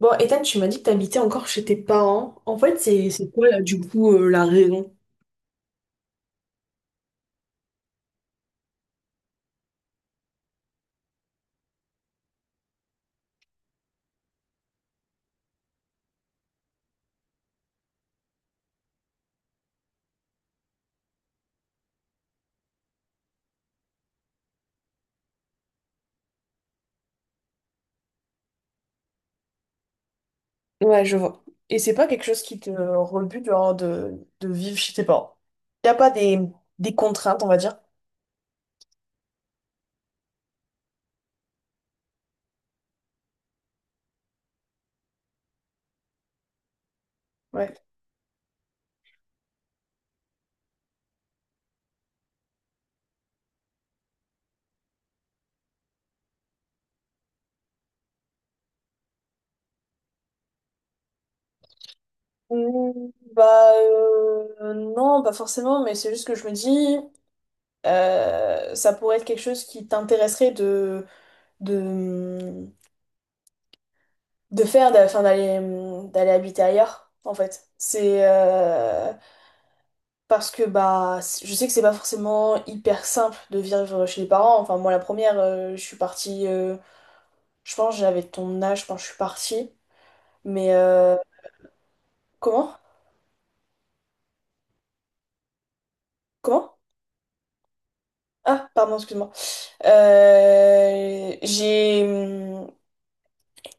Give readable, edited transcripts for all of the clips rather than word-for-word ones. Bon, Ethan, tu m'as dit que t'habitais encore chez tes parents. En fait, c'est quoi là, du coup, la raison? Ouais, je vois. Et c'est pas quelque chose qui te rebute genre, de, vivre chez tes parents. Y a pas des contraintes, on va dire. Ouais. Mm, bah non, pas forcément, mais c'est juste que je me dis, ça pourrait être quelque chose qui t'intéresserait de, de faire, d'aller habiter ailleurs, en fait. C'est Parce que bah, je sais que c'est pas forcément hyper simple de vivre chez les parents. Enfin, moi, la première, je suis partie, je pense, j'avais ton âge quand je suis partie. Mais comment? Comment? Ah, pardon, excuse-moi. J'ai.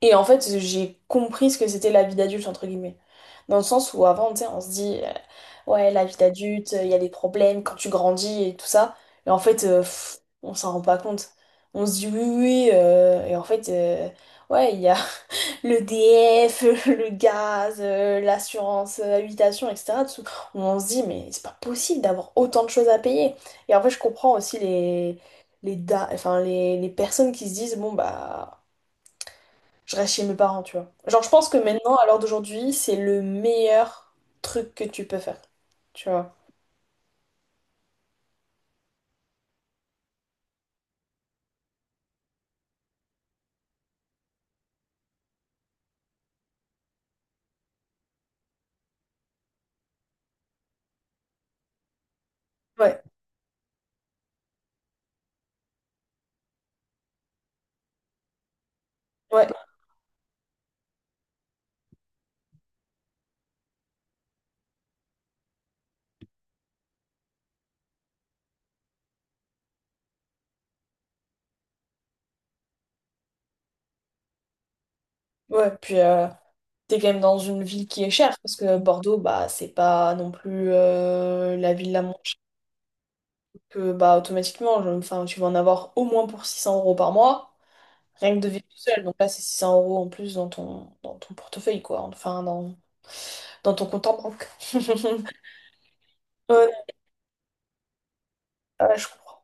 Et en fait, j'ai compris ce que c'était la vie d'adulte, entre guillemets. Dans le sens où avant, tu sais, on se dit, ouais, la vie d'adulte, il y a des problèmes quand tu grandis et tout ça. Et en fait, on s'en rend pas compte. On se dit, oui, oui, oui, et en fait, ouais, il y a le DF, le gaz, l'assurance, habitation, etc. On se dit, mais c'est pas possible d'avoir autant de choses à payer. Et en fait, je comprends aussi les, da- enfin, les personnes qui se disent, bon, bah. Je reste chez mes parents, tu vois. Genre, je pense que maintenant, à l'heure d'aujourd'hui, c'est le meilleur truc que tu peux faire. Tu vois. Ouais, ouais, ouais. Puis, t'es quand même dans une ville qui est chère, parce que Bordeaux, bah, c'est pas non plus la ville la moins chère que, bah, automatiquement, tu vas en avoir au moins pour 600 euros par mois, rien que de vivre tout seul. Donc là, c'est 600 euros en plus dans ton, portefeuille, quoi. Enfin, dans ton compte en banque. Ouais, ouais, je comprends.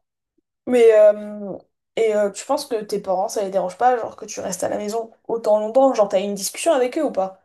Mais euh, et tu penses que tes parents, ça les dérange pas, genre que tu restes à la maison autant longtemps, genre t'as eu une discussion avec eux ou pas?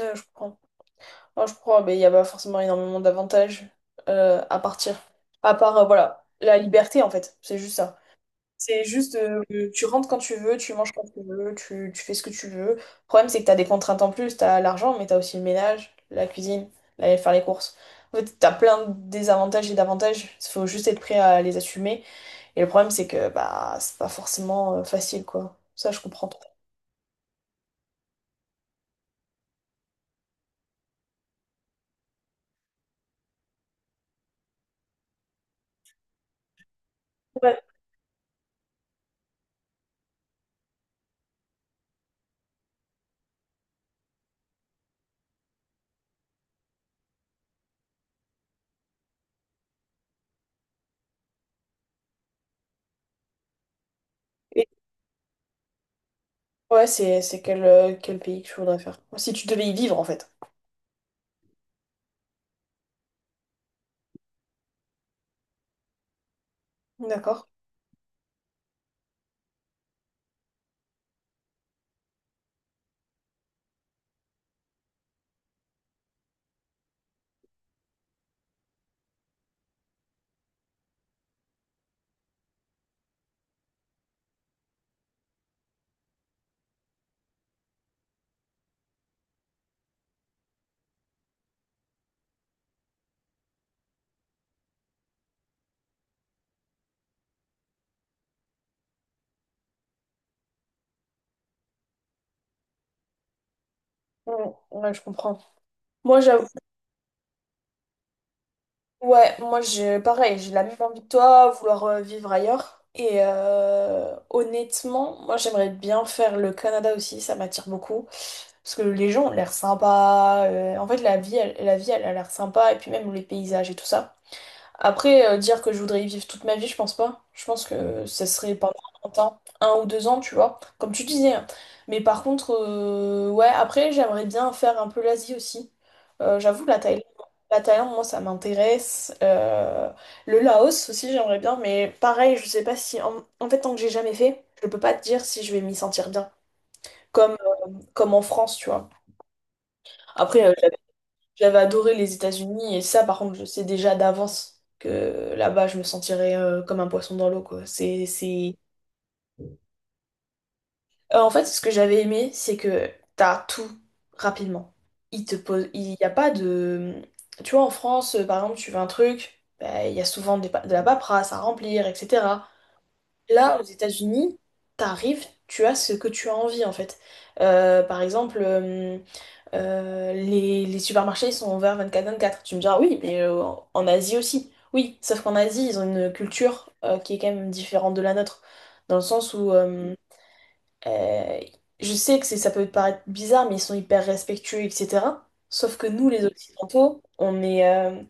Je comprends. Moi je crois mais il n'y a pas forcément énormément d'avantages à partir. À part, voilà, la liberté en fait, c'est juste ça. C'est juste, tu rentres quand tu veux, tu manges quand tu veux, tu fais ce que tu veux. Le problème, c'est que t'as des contraintes en plus, t'as l'argent, mais t'as aussi le ménage, la cuisine, aller faire les courses. En fait, t'as plein de désavantages et d'avantages, il faut juste être prêt à les assumer. Et le problème, c'est que bah c'est pas forcément facile, quoi. Ça, je comprends trop. Ouais. Et ouais, c'est quel, quel pays que je voudrais faire. Si tu devais y vivre, en fait. D'accord. Mm, ouais, je comprends. Moi, j'avoue. Ouais, moi, j'ai pareil, j'ai la même envie que toi, vouloir vivre ailleurs. Et honnêtement, moi, j'aimerais bien faire le Canada aussi, ça m'attire beaucoup. Parce que les gens ont l'air sympas. En fait, la vie, elle a l'air sympa. Et puis même les paysages et tout ça. Après, dire que je voudrais y vivre toute ma vie, je pense pas. Je pense que ça serait pendant un temps, un ou deux ans, tu vois, comme tu disais, hein. Mais par contre, ouais, après, j'aimerais bien faire un peu l'Asie aussi. J'avoue, la Thaïlande, moi, ça m'intéresse. Le Laos aussi, j'aimerais bien. Mais pareil, je sais pas si... En fait, tant que j'ai jamais fait, je peux pas te dire si je vais m'y sentir bien. Comme, comme en France, tu vois. Après, j'avais adoré les États-Unis et ça, par contre, je sais déjà d'avance que là-bas, je me sentirais comme un poisson dans l'eau, quoi. C'est... En fait, ce que j'avais aimé, c'est que t'as tout rapidement. Il te pose... Il n'y a pas de... Tu vois, en France, par exemple, tu veux un truc, bah, il y a souvent de la paperasse à remplir, etc. Là, aux États-Unis, t'arrives, tu as ce que tu as envie, en fait. Par exemple... les supermarchés sont ouverts vingt-quatre vingt-quatre. Tu me diras, oui, mais en Asie aussi. Oui, sauf qu'en Asie, ils ont une culture qui est quand même différente de la nôtre. Dans le sens où, euh, je sais que ça peut te paraître bizarre, mais ils sont hyper respectueux, etc. Sauf que nous, les Occidentaux, on est,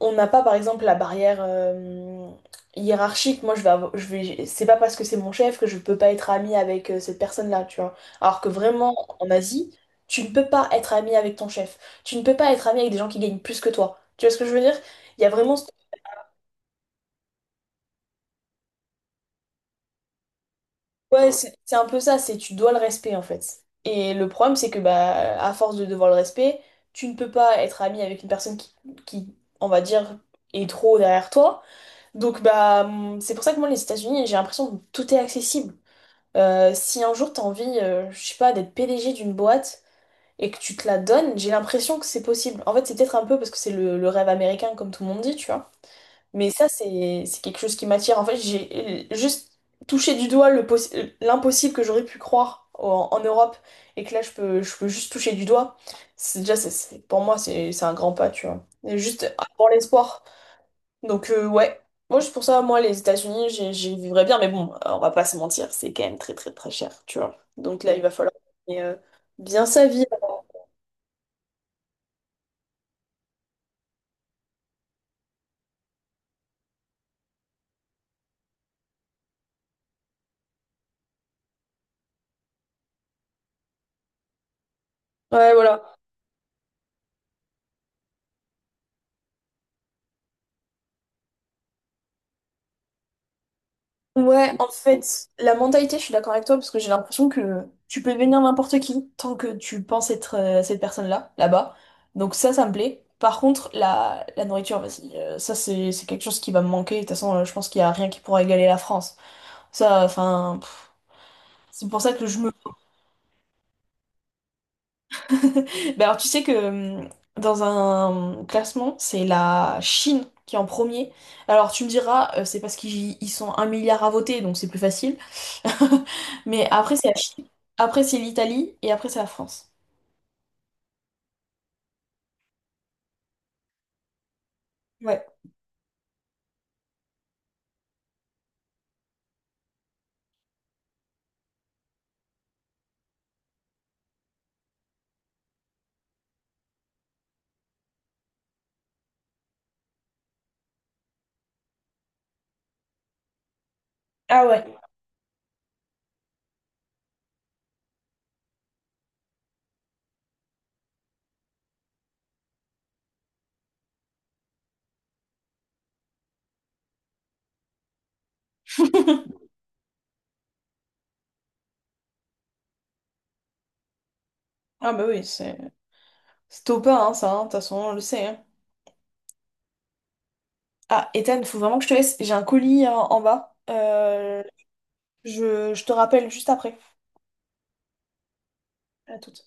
on n'a pas par exemple la barrière hiérarchique. Moi, je vais, c'est pas parce que c'est mon chef que je peux pas être amie avec cette personne-là, tu vois. Alors que vraiment, en Asie, tu ne peux pas être amie avec ton chef. Tu ne peux pas être amie avec des gens qui gagnent plus que toi. Tu vois ce que je veux dire? Il y a vraiment, ouais, c'est un peu ça. C'est tu dois le respect en fait. Et le problème, c'est que bah, à force de devoir le respect, tu ne peux pas être amie avec une personne qui, on va dire, est trop derrière toi. Donc bah c'est pour ça que moi les États-Unis, j'ai l'impression que tout est accessible. Si un jour t'as envie, je sais pas, d'être PDG d'une boîte et que tu te la donnes, j'ai l'impression que c'est possible. En fait, c'est peut-être un peu parce que c'est le, rêve américain comme tout le monde dit, tu vois. Mais ça c'est quelque chose qui m'attire. En fait, j'ai juste touché du doigt l'impossible que j'aurais pu croire en, Europe et que là je peux juste toucher du doigt. C'est déjà c'est- Pour moi c'est un grand pas, tu vois. Et juste avoir l'espoir. Donc, ouais. Moi, pour ça, moi, les États-Unis, j'y vivrais bien. Mais bon, on va pas se mentir, c'est quand même très, très, très cher, tu vois. Donc là, il, oui, va falloir gagner, bien sa vie. Ouais, voilà. Ouais, en fait, la mentalité, je suis d'accord avec toi, parce que j'ai l'impression que tu peux devenir n'importe qui tant que tu penses être cette personne-là, là-bas. Donc ça me plaît. Par contre, la nourriture, vas-y, ça, c'est quelque chose qui va me manquer. De toute façon, je pense qu'il y a rien qui pourra égaler la France. Ça, enfin... c'est pour ça que je... Bah alors tu sais que dans un classement, c'est la Chine qui est en premier. Alors tu me diras, c'est parce qu'ils sont un milliard à voter, donc c'est plus facile. Mais après c'est la Chine, après c'est l'Italie et après c'est la France. Ouais. Ah ouais. Ah bah oui, c'est... C'est top pas, hein, ça, hein, de toute façon, on le sait, hein. Ah, Ethan, faut vraiment que je te laisse. J'ai un colis en, bas. Je te rappelle juste après. À tout